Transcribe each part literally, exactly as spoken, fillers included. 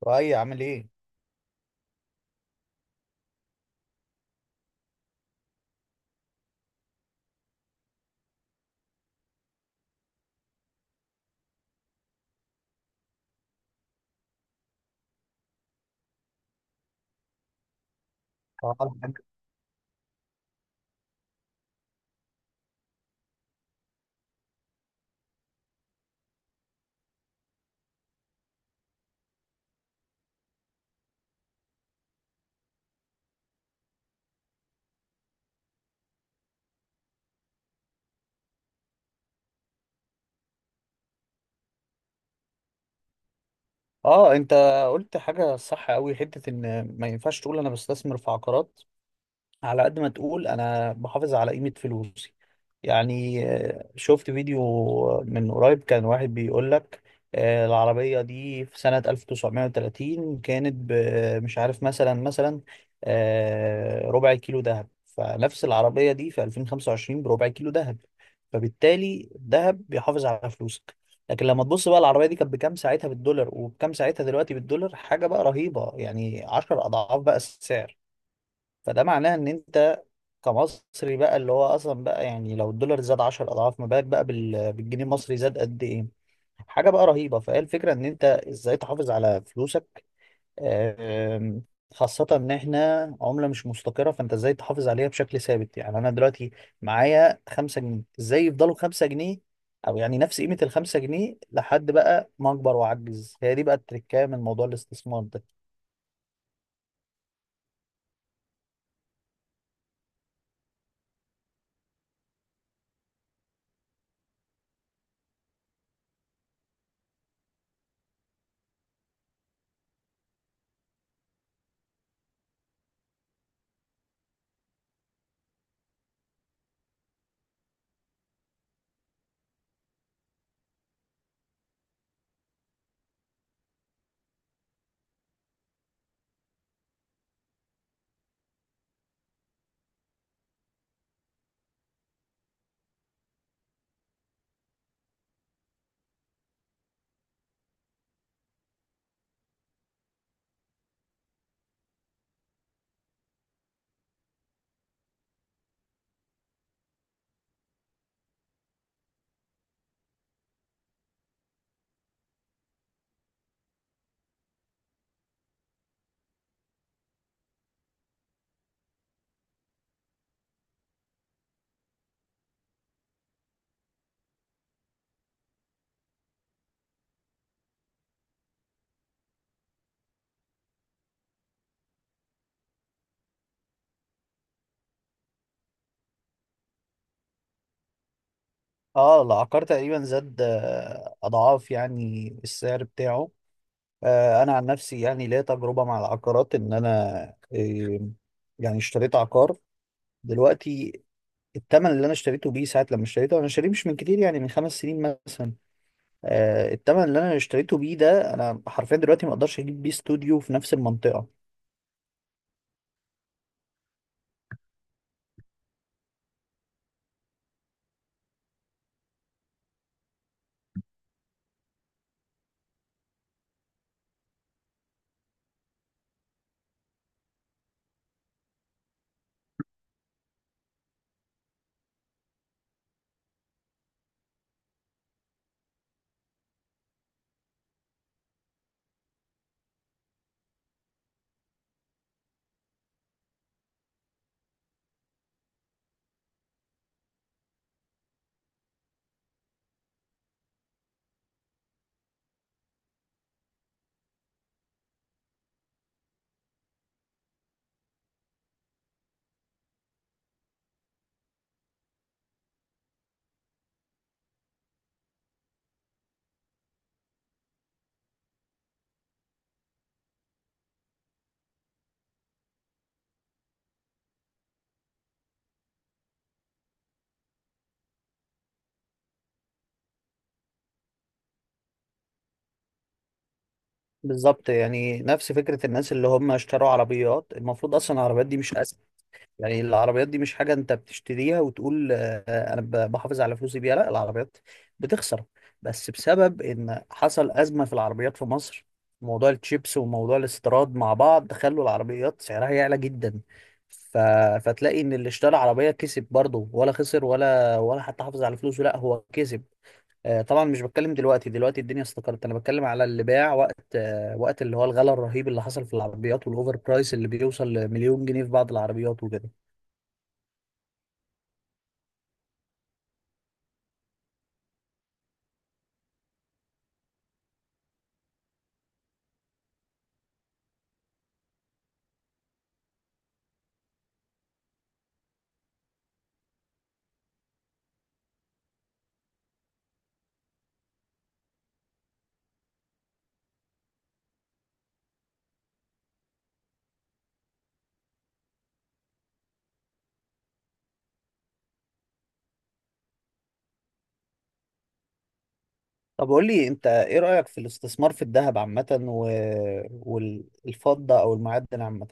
وأي، عامل ايه؟ اه اه انت قلت حاجه صح قوي. حته ان ما ينفعش تقول انا بستثمر في عقارات على قد ما تقول انا بحافظ على قيمة فلوسي. يعني، آه، شفت فيديو من قريب كان واحد بيقول لك، آه، العربية دي في سنة ألف وتسعمية وتلاتين كانت ب- مش عارف، مثلا مثلا آه، ربع كيلو ذهب. فنفس العربية دي في ألفين وخمسة وعشرين بربع كيلو ذهب، فبالتالي الذهب بيحافظ على فلوسك. لكن لما تبص بقى، العربية دي كانت بكام ساعتها بالدولار وبكام ساعتها دلوقتي بالدولار؟ حاجة بقى رهيبة، يعني عشر أضعاف بقى السعر. فده معناه ان انت كمصري بقى، اللي هو اصلا بقى يعني لو الدولار زاد عشر اضعاف، ما بالك بقى بال- بالجنيه المصري زاد قد ايه؟ حاجه بقى رهيبه. فهي الفكره ان انت ازاي تحافظ على فلوسك. آم، خاصه ان احنا عمله مش مستقره، فانت ازاي تحافظ عليها بشكل ثابت؟ يعني انا دلوقتي معايا خمسة جنيه، ازاي يفضلوا خمسة جنيه، او يعني نفس قيمه ال خمسة جنيه لحد بقى ما اكبر واعجز. هي دي بقى التركية من موضوع الاستثمار ده. اه، العقار تقريبا زاد آه، اضعاف، يعني السعر بتاعه. آه، انا عن نفسي يعني ليا تجربه مع العقارات، ان انا آه، يعني اشتريت عقار دلوقتي. الثمن اللي انا اشتريته بيه ساعه لما اشتريته، انا شاريه مش من كتير، يعني من خمس سنين مثلا. آه، الثمن اللي انا اشتريته بيه ده، انا حرفيا دلوقتي ما اقدرش اجيب بيه استوديو في نفس المنطقه. بالظبط، يعني نفس فكره الناس اللي هم اشتروا عربيات. المفروض اصلا العربيات دي مش، يعني العربيات دي مش حاجة انت بتشتريها وتقول آه، انا ب- بحافظ على فلوسي بيها. لا، العربيات بتخسر، بس بسبب ان حصل أزمة في العربيات في مصر. موضوع التشيبس وموضوع الاستيراد مع بعض خلوا العربيات سعرها يعلى جدا. ف... فتلاقي ان اللي اشترى عربية كسب برضه، ولا خسر، ولا ولا حتى حافظ على فلوسه؟ لا، هو كسب. آه، طبعا مش بتكلم دلوقتي، دلوقتي الدنيا استقرت، انا بتكلم على اللي باع وقت آه، وقت اللي هو الغلاء الرهيب اللي حصل في العربيات والاوفر برايس اللي بيوصل لمليون جنيه في بعض العربيات وكده. طب قول لي انت، ايه رأيك في الاستثمار في الذهب عامة و... والفضة او المعدن عامة؟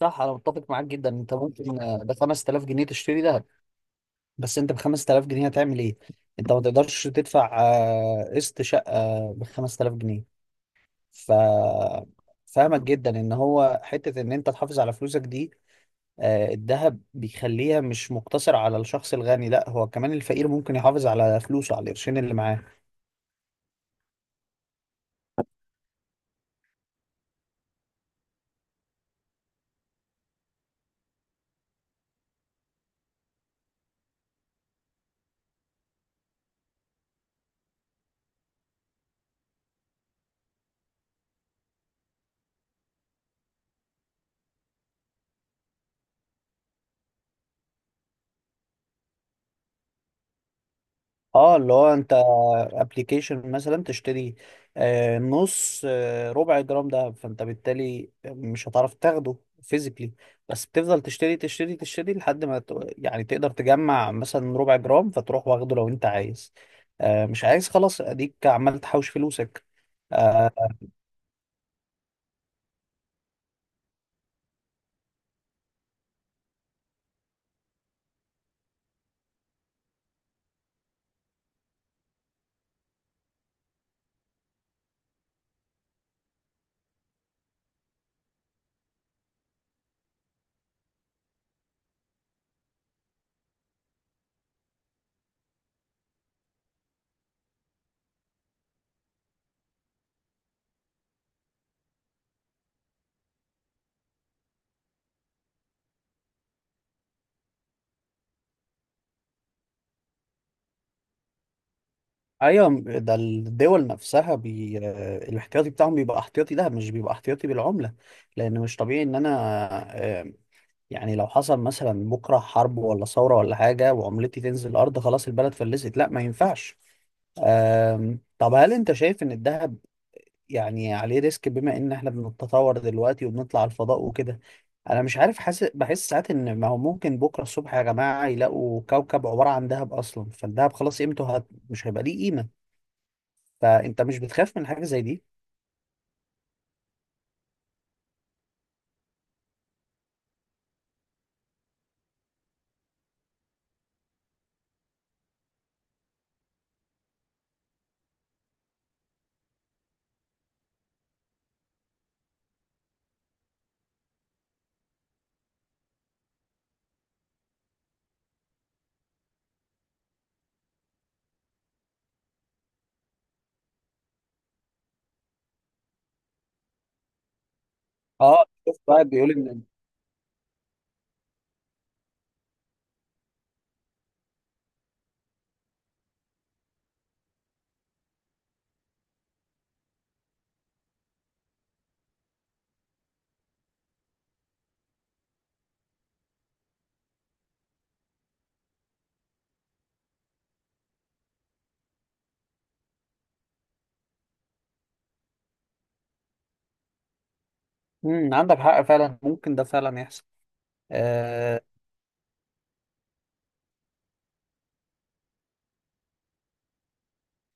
صح، انا متفق معاك جدا. انت ممكن آه، ب خمس تلاف جنيه تشتري ذهب، بس انت ب خمسة آلاف جنيه هتعمل ايه؟ انت ما تقدرش تدفع آه، قسط شقة ب خمس تلاف جنيه. ف فاهمك جدا ان هو حتة ان انت تحافظ على فلوسك دي. آه، الذهب بيخليها مش مقتصر على الشخص الغني، لا هو كمان الفقير ممكن يحافظ على فلوسه على القرشين اللي معاه. اه، اللي هو انت ابلكيشن مثلا تشتري آه، نص آه، ربع جرام دهب، فانت بالتالي مش هتعرف تاخده فيزيكلي. بس بتفضل تشتري تشتري تشتري لحد ما ت- يعني تقدر تجمع مثلا ربع جرام، فتروح واخده لو انت عايز. آه، مش عايز خلاص، اديك عمال تحوش فلوسك. آه، ايوه، ده الدول نفسها بي... آه، الاحتياطي بتاعهم بيبقى احتياطي. ده مش بيبقى احتياطي بالعملة، لان مش طبيعي ان انا آه، يعني لو حصل مثلا بكرة حرب ولا ثورة ولا حاجة وعملتي تنزل الأرض، خلاص البلد فلست. لا، ما ينفعش. أم، طب هل أنت شايف إن الذهب يعني عليه ريسك، بما إن إحنا بنتطور دلوقتي وبنطلع الفضاء وكده؟ أنا مش عارف، حاسس، بحس ساعات إن ما هو ممكن بكرة الصبح يا جماعة يلاقوا كوكب عبارة عن ذهب أصلا، فالذهب خلاص قيمته هت... مش هيبقى ليه قيمة. فأنت مش بتخاف من حاجة زي دي؟ اه، شفت واحد بيقول إن. مم، عندك حق فعلا، ممكن ده فعلا يحصل.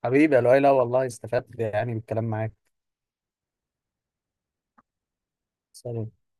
حبيبي يا لؤي، لا والله استفدت يعني من الكلام معاك. سلام.